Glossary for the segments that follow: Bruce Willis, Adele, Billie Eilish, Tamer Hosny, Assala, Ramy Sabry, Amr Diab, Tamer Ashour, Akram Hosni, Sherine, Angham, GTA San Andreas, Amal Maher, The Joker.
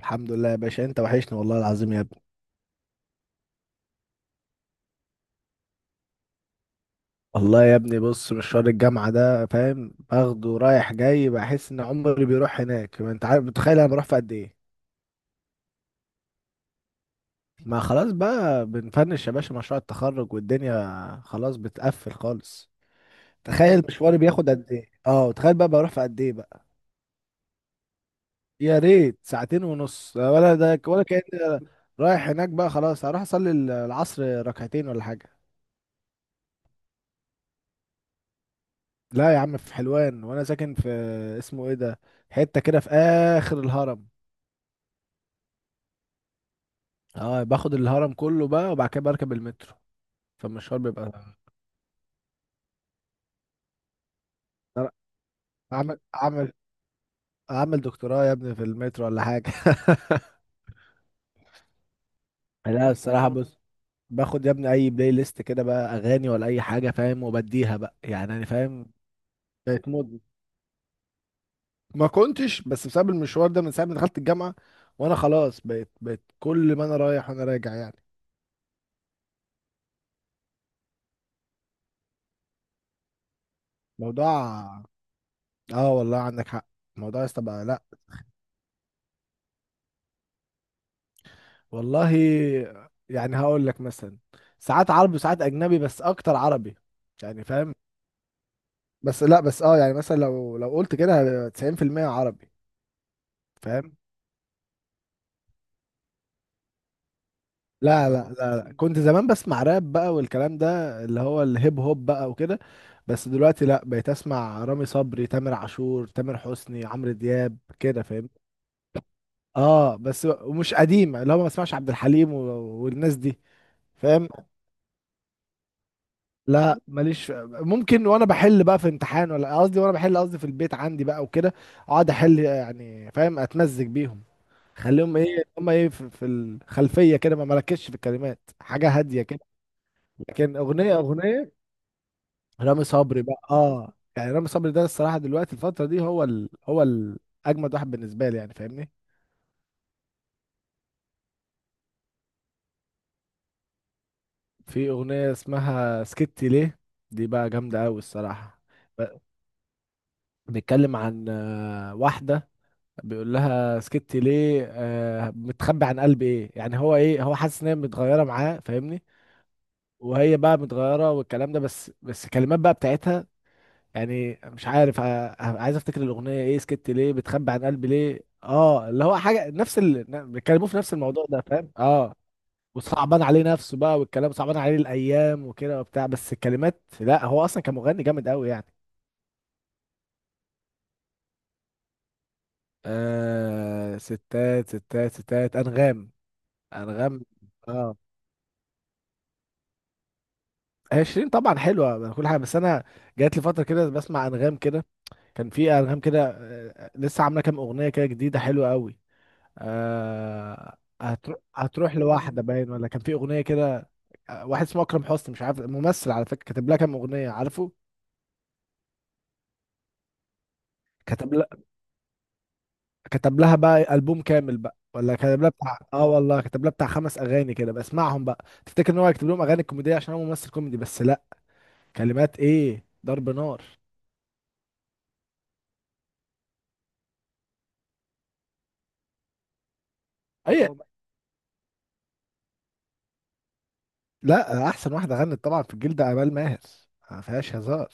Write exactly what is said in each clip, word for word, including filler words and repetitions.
الحمد لله يا باشا، انت وحشني والله العظيم يا ابني. والله يا ابني، بص مشوار الجامعة ده فاهم، باخده رايح جاي، بحس ان عمري بيروح هناك. ما انت عارف، بتخيل انا بروح في قد ايه. ما خلاص بقى، بنفنش يا باشا مشروع التخرج، والدنيا خلاص بتقفل خالص. تخيل مشواري بياخد قد ايه، اه، تخيل بقى بروح في قد ايه بقى. يا ريت ساعتين ونص، ولا ده، ولا كأني رايح هناك. بقى خلاص هروح اصلي العصر ركعتين ولا حاجة. لا يا عم في حلوان، وانا ساكن في، اسمه ايه ده، حته كده في اخر الهرم. اه، باخد الهرم كله بقى، وبعد كده بركب المترو، فالمشوار بيبقى. أنا اعمل اعمل اعمل دكتوراه يا ابني في المترو ولا حاجه. لا، الصراحه بص، باخد يا ابني اي بلاي ليست كده، بقى اغاني ولا اي حاجه فاهم، وبديها بقى، يعني انا فاهم. بقت مود، ما كنتش، بس بسبب المشوار ده، من ساعه ما دخلت الجامعه وانا خلاص بقيت بقيت كل ما انا رايح وانا راجع، يعني موضوع. اه والله عندك حق، الموضوع يا اسطى بقى، لا. والله، يعني هقول لك مثلا، ساعات عربي وساعات اجنبي، بس اكتر عربي، يعني فاهم. بس لا، بس اه يعني مثلا لو لو قلت كده تسعين في المئة عربي فاهم. لا لا لا لا، كنت زمان بسمع راب بقى، والكلام ده اللي هو الهيب هوب بقى وكده. بس دلوقتي لا، بقيت اسمع رامي صبري، تامر عاشور، تامر حسني، عمرو دياب كده فاهم. اه، بس ومش قديم، اللي هو ما بسمعش عبد الحليم و- والناس دي فاهم. لا ماليش في- ممكن وانا بحل بقى في امتحان، ولا قصدي وانا بحل قصدي في البيت عندي بقى وكده، اقعد احل يعني فاهم اتمزج بيهم. خليهم ايه، هم ايه في, في الخلفيه كده، ما مركزش في الكلمات، حاجه هاديه كده. لكن اغنيه اغنيه رامي صبري بقى، اه يعني رامي صبري ده الصراحه دلوقتي الفتره دي، هو ال... هو ال... اجمد واحد بالنسبه لي يعني فاهمني. في اغنيه اسمها سكتي ليه، دي بقى جامده قوي الصراحه. ب- بيتكلم عن آه، واحده، بيقول لها سكتي ليه، آه متخبي عن قلب ايه. يعني هو ايه، هو حاسس ان هي متغيره معاه فاهمني، وهي بقى متغيره والكلام ده. بس بس الكلمات بقى بتاعتها، يعني مش عارف، آه عايز افتكر الاغنيه ايه، سكتي ليه بتخبي عن قلبي ليه، اه اللي هو حاجه نفس ال... بيتكلموا في نفس الموضوع ده فاهم اه. وصعبان عليه نفسه بقى، والكلام صعبان عليه الايام وكده وبتاع، بس الكلمات، لا هو اصلا كان مغني جامد قوي يعني. آه، ستات ستات ستات انغام، انغام اه، هي شيرين طبعا حلوه كل حاجه، بس انا جات لي فتره كده بسمع انغام كده. كان في انغام كده، آه، لسه عامله كام اغنيه كده جديده حلوه قوي. آه هتروح هتروح لواحده باين، ولا كان في اغنيه كده. آه، واحد اسمه اكرم حسني، مش عارف ممثل على فكره، كتب لها كام اغنيه عارفه. كتب لها كتب لها بقى البوم كامل، بقى ولا كتب لها بتاع، اه والله كتب لها بتاع خمس اغاني كده بسمعهم بقى، تفتكر ان هو يكتب لهم اغاني كوميديه عشان هو ممثل كوميدي، بس لا، كلمات ايه ضرب نار. اي، لا احسن واحده غنت طبعا في الجيل ده امال ماهر، ما فيهاش هزار.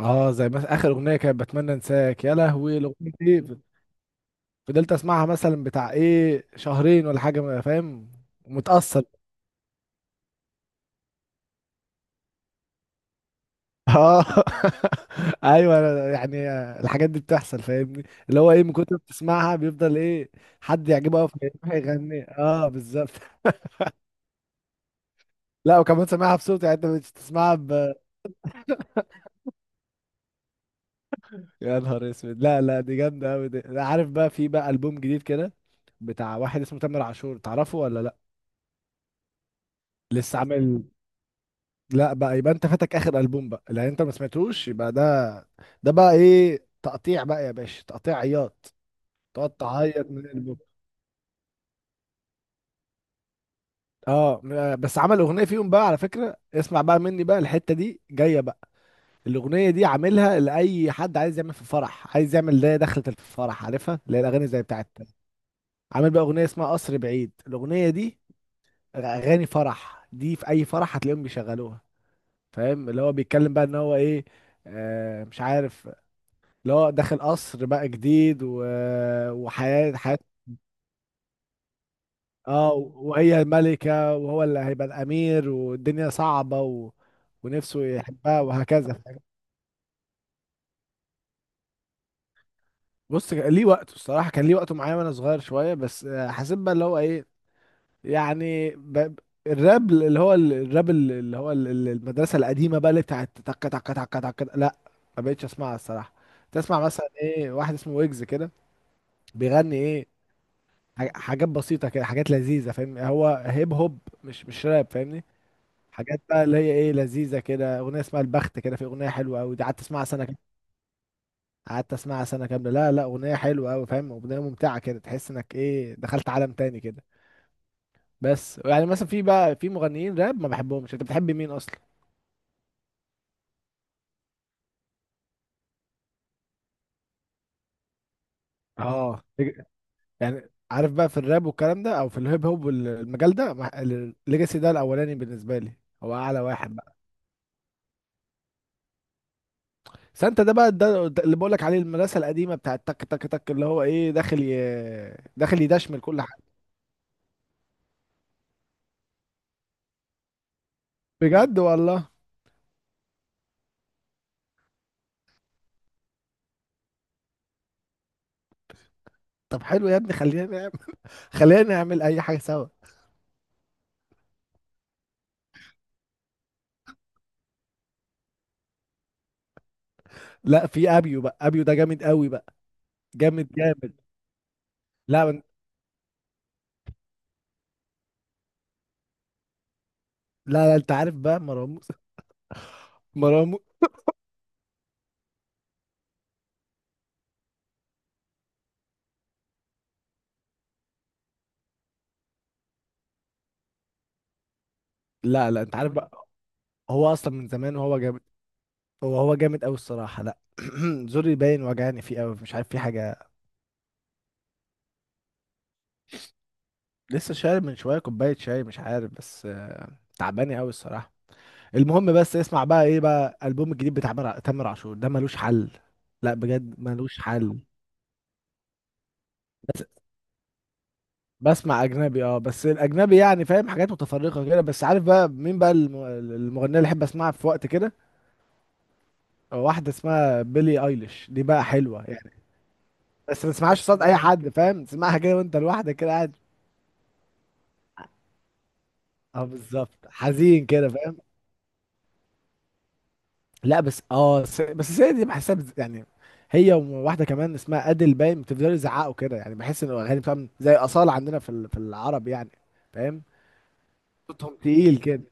اه زي مثلا اخر اغنيه، كانت بتمنى انساك يا لهوي، الاغنيه دي فضلت اسمعها مثلا بتاع ايه شهرين ولا حاجه، ما فاهم، متاثر اه. ايوه، أنا يعني الحاجات دي بتحصل فاهمني. اللي هو ايه، من كتر ما بتسمعها بيفضل ايه، حد يعجبه قوي، فيغني، اه بالظبط. لا، وكمان سامعها بصوت، يعني انت مش تسمعها، يا نهار اسود. لا لا، دي جامده قوي، دي أنا عارف بقى. في بقى البوم جديد كده بتاع واحد اسمه تامر عاشور، تعرفه ولا لا، لسه عامل. لا بقى، يبقى انت فاتك اخر البوم بقى، لان انت ما سمعتوش. يبقى ده، ده بقى ايه، تقطيع بقى يا باشا، تقطيع عياط، تقعد تعيط من البوم. اه، بس عمل اغنيه فيهم بقى على فكره، اسمع بقى مني بقى، الحته دي جايه بقى. الاغنيه دي عاملها لاي حد عايز يعمل في فرح، عايز يعمل ده دخلة الفرح عارفها، اللي هي الاغاني زي بتاعت، عامل بقى اغنيه اسمها قصر بعيد. الاغنيه دي اغاني فرح، دي في اي فرح هتلاقيهم بيشغلوها. فاهم اللي هو بيتكلم بقى ان هو ايه، آه مش عارف، اللي هو داخل قصر بقى جديد، و، وحياة حياة. اه وهي الملكة، وهو اللي هيبقى الامير، والدنيا صعبة، و، ونفسه يحبها، وهكذا. بص كان ليه وقته الصراحة، كان ليه وقته معايا وانا صغير شوية، بس آه، حسيت بقى اللي هو ايه، يعني ب... الراب اللي هو ال- الراب ال- اللي هو ال- ال- المدرسة القديمة بقى اللي بتاعت تك تك تك تك، لا ما بقتش اسمعها الصراحة. تسمع مثلا ايه واحد اسمه ويجز كده، بيغني ايه، ح- حاجات بسيطة كده، حاجات لذيذة فاهم، هو هيب هوب، مش مش راب فاهمني. حاجات بقى اللي هي ايه لذيذة كده، اغنية اسمها البخت كده، في اغنية حلوة قوي، دي قعدت اسمعها سنة كاملة. قعدت اسمعها سنة كاملة، لا لا اغنية حلوة قوي فاهم، اغنية ممتعة كده، تحس انك ايه دخلت عالم تاني كده. بس يعني مثلا في بقى، في مغنيين راب ما بحبهمش، انت بتحب مين اصلا؟ اه ليج- يعني عارف بقى في الراب والكلام ده، او في الهيب هوب والمجال ده، مع- ال- الليجاسي ده الاولاني بالنسبه لي، هو اعلى واحد بقى. سانتا ده بقى ده ده اللي بقولك عليه، المدرسه القديمه بتاعت تك تك تك، اللي هو ايه، داخل ي... داخل يدشمل كل حاجه. بجد والله، طب حلو يا ابني، خلينا نعمل. خلينا نعمل اي حاجه سوا. لا في ابيو بقى، ابيو ده جامد قوي بقى، جامد جامد. لا من، لا لا، انت عارف بقى مروان موسى، مروان مو- لا لا انت عارف بقى، هو اصلا من زمان وهو جامد، هو هو جامد قوي الصراحه لا. زوري باين وجعني فيه قوي، مش عارف في حاجه. لسه شارب من شويه كوبايه شاي، مش عارف بس آه، تعباني قوي الصراحه. المهم بس اسمع بقى، ايه بقى البوم الجديد بتاع مر- تامر عاشور ده، ملوش حل، لا بجد ملوش حل. بسمع اجنبي، اه بس الاجنبي يعني فاهم، حاجات متفرقه كده، بس عارف بقى مين بقى الم- المغنيه اللي احب اسمعها في وقت كده، واحده اسمها بيلي ايليش، دي بقى حلوه يعني. بس ما تسمعهاش صوت اي حد فاهم، تسمعها كده وانت لوحدك كده قاعد، اه بالظبط حزين كده فاهم. لا بس اه س- بس السيدة دي بحسها بز-، يعني هي وواحده كمان اسمها ادل باين، بتفضلوا يزعقوا كده، يعني بحس ان الاغاني بتاعهم زي اصاله عندنا في ال- في العرب يعني فاهم. صوتهم تقيل كده.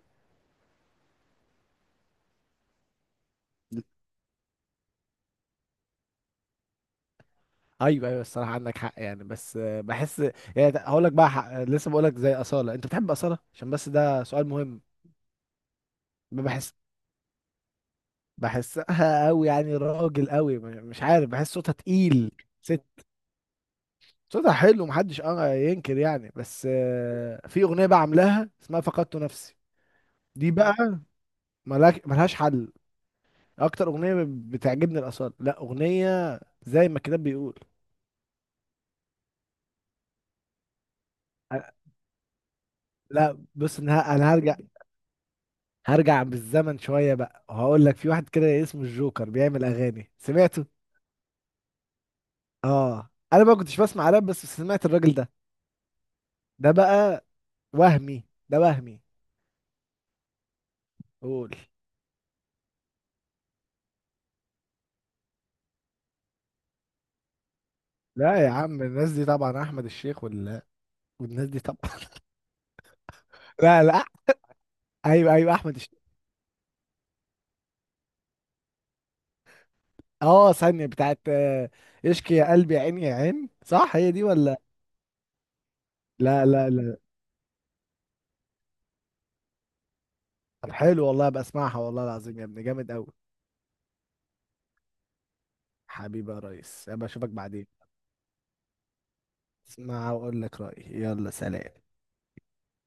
ايوه ايوه الصراحه عندك حق، يعني بس آه، بحس، يعني هقول لك بقى حق. لسه بقول لك، زي اصاله، انت بتحب اصاله عشان بس ده سؤال مهم. بحس، بحسها قوي يعني، راجل قوي مش عارف، بحس صوتها تقيل. ست، صوتها حلو محدش اه ينكر يعني، بس آه، في اغنيه بقى عاملاها اسمها فقدت نفسي، دي بقى ملاك، ملهاش حل. اكتر اغنيه بتعجبني الاصاله، لا اغنيه زي ما الكتاب بيقول. أنا- لا بص، انا انا هرجع، هرجع بالزمن شويه بقى، وهقول لك في واحد كده اسمه الجوكر بيعمل اغاني، سمعته. اه انا ما كنتش بسمع راب، بس سمعت الراجل ده، ده بقى وهمي، ده وهمي. قول، لا يا عم الناس دي طبعا احمد الشيخ، ولا والناس دي طبعا لا لا، ايوه ايوه احمد الش، اه ثانيه بتاعت آه، اشكي يا قلبي يا عيني يا عين، صح هي دي ولا؟ لا لا لا، طب حلو والله بسمعها والله العظيم يا ابني، جامد قوي. حبيبي يا ريس، ابقى اشوفك بعدين. اسمع واقول لك رايي، يلا سلام.